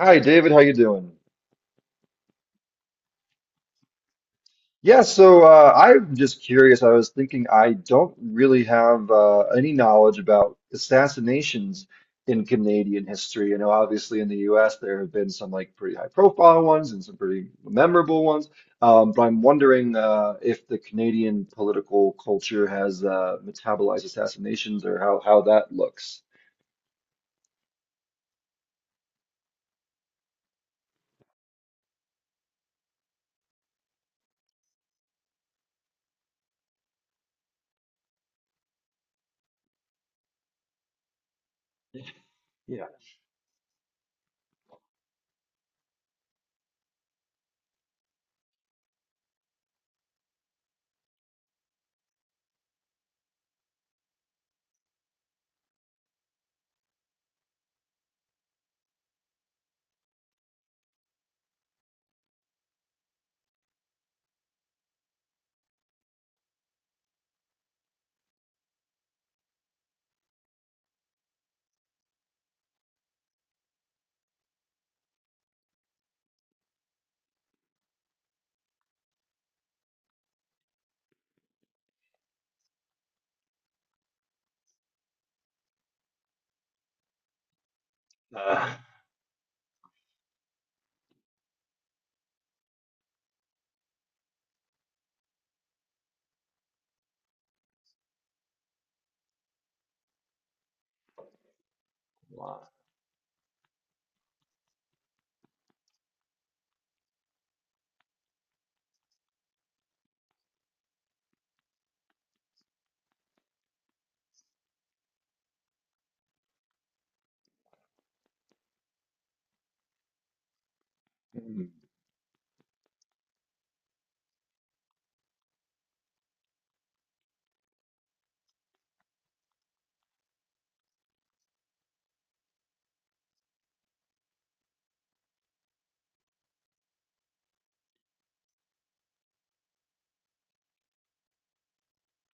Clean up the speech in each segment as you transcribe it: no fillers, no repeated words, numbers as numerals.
Hi, David. How you doing? I'm just curious. I was thinking I don't really have any knowledge about assassinations in Canadian history. You know, obviously in the U.S. there have been some like pretty high-profile ones and some pretty memorable ones. But I'm wondering if the Canadian political culture has metabolized assassinations or how that looks. Yeah. Uh, wow.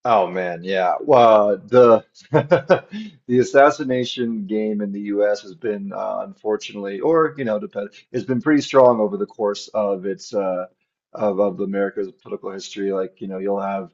Oh man, yeah. Well, the the assassination game in the U.S. has been unfortunately, or you know, depend, has been pretty strong over the course of its of America's political history. Like you know, you'll have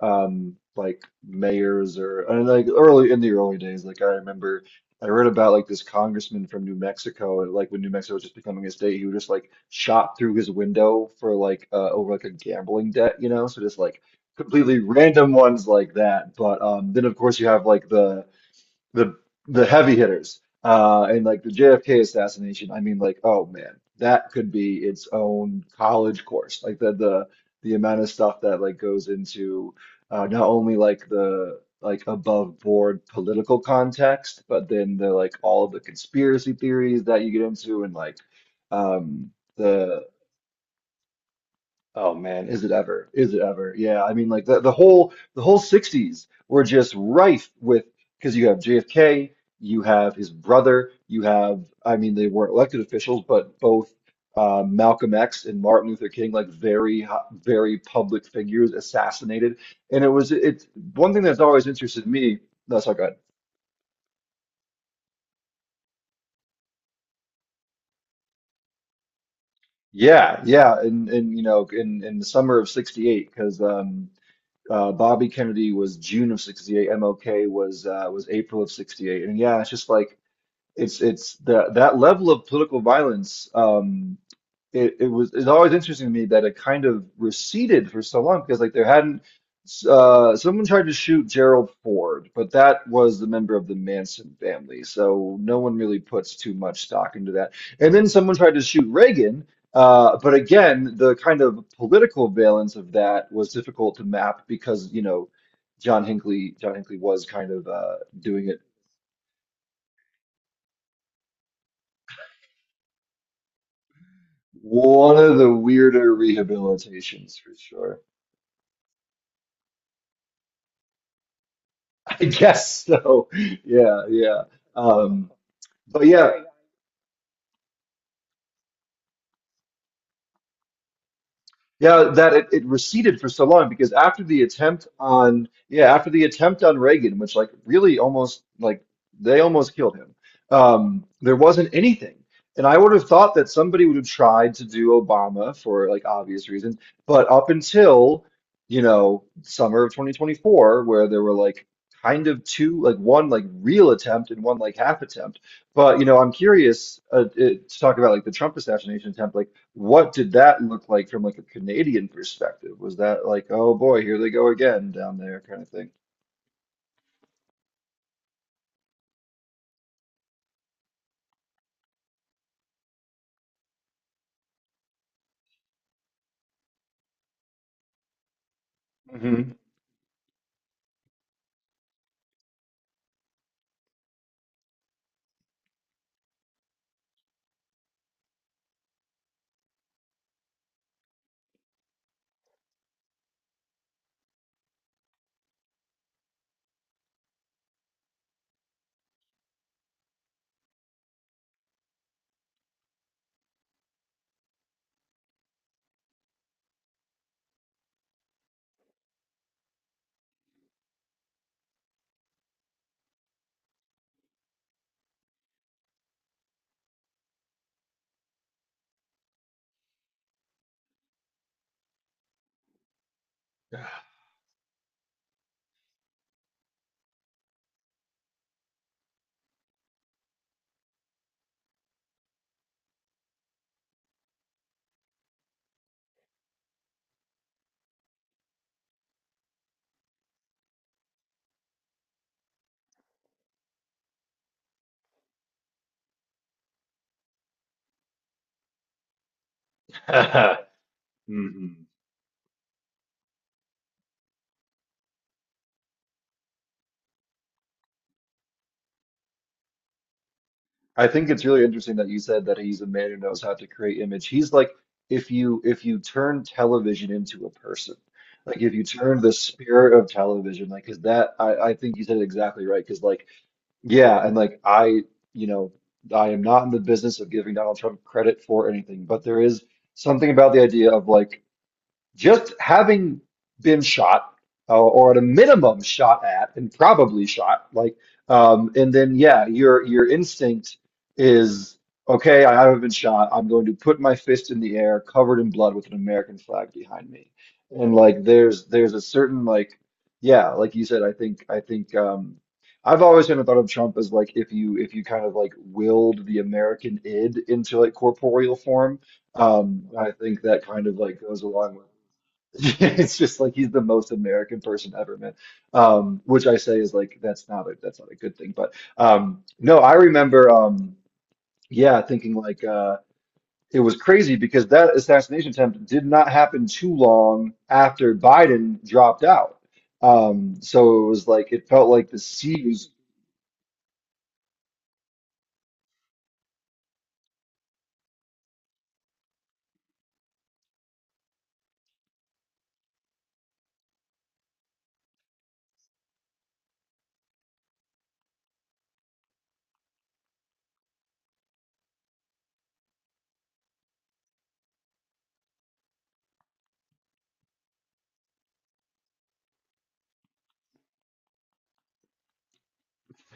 like mayors or and like early in the early days like I remember I read about like this congressman from New Mexico, and like when New Mexico was just becoming a state, he would just like shot through his window for like over like a gambling debt, you know? So just like completely random ones like that. But then of course you have like the the heavy hitters, and like the JFK assassination. I mean, like, oh man, that could be its own college course. Like the amount of stuff that like goes into not only like the like above board political context, but then the like all of the conspiracy theories that you get into. And like um the Oh man, is it ever? Is it ever? Yeah, I mean, like the whole 60s were just rife with, because you have JFK, you have his brother, you have, I mean, they weren't elected officials, but both Malcolm X and Martin Luther King, like very very public figures, assassinated. And it's one thing that's always interested me. That's all good. Yeah, yeah, and you know, in the summer of 68, because Bobby Kennedy was June of 68, MLK was April of 68. And yeah, it's just like it's the that level of political violence. It's always interesting to me that it kind of receded for so long, because like there hadn't, someone tried to shoot Gerald Ford, but that was the member of the Manson family, so no one really puts too much stock into that. And then someone tried to shoot Reagan, but again, the kind of political valence of that was difficult to map because, you know, John Hinckley was kind of doing it, one of the weirder rehabilitations for sure. I guess so. Yeah, yeah. Um, but yeah, Yeah, that it receded for so long, because after the attempt on, yeah, after the attempt on Reagan, which like really almost like, they almost killed him, there wasn't anything. And I would have thought that somebody would have tried to do Obama for like obvious reasons, but up until, you know, summer of 2024, where there were like kind of two, like one like real attempt and one like half attempt. But you know, I'm curious, to talk about like the Trump assassination attempt. Like what did that look like from like a Canadian perspective? Was that like, oh boy, here they go again down there, kind of thing? Hmm. Hmm. I think it's really interesting that you said that he's a man who knows how to create image. He's like, if you turn television into a person, like if you turn the spirit of television, like, because that, I think you said it exactly right. Because like, yeah, and like I, you know, I am not in the business of giving Donald Trump credit for anything, but there is something about the idea of like. Just having been shot, or at a minimum shot at and probably shot, like, and then, yeah, your instinct is, okay, I haven't been shot, I'm going to put my fist in the air covered in blood with an American flag behind me. And like there's a certain like, yeah, like you said. I've always kind of thought of Trump as like, if you kind of like willed the American id into like corporeal form. I think that kind of like goes along with. It's just like he's the most American person ever, man. Which I say is like, that's not a, that's not a good thing. But No, I remember, yeah, thinking like, it was crazy because that assassination attempt did not happen too long after Biden dropped out. So it was like it felt like the seas,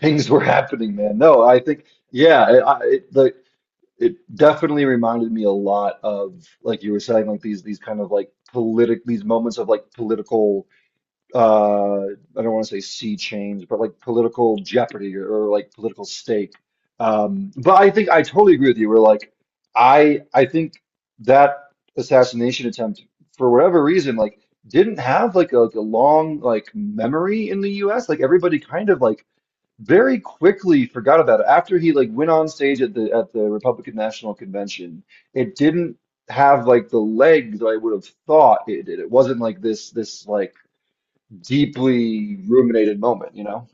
things were happening, man. No, I think, yeah, like, it definitely reminded me a lot of, like you were saying, like these kind of like politic, these moments of like political uh I don't want to say sea change, but like political jeopardy, or like political stake. But I think I totally agree with you. We're like I I think that assassination attempt, for whatever reason, like didn't have like a long like memory in the US. Like everybody kind of like very quickly forgot about it after he like went on stage at the Republican National Convention. It didn't have like the legs that I would have thought it did. It wasn't like this like deeply ruminated moment, you know?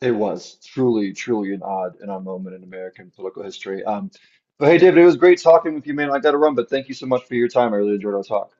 It was truly, truly an odd and odd moment in American political history. But hey, David, it was great talking with you, man. I got to run, but thank you so much for your time. I really enjoyed our talk.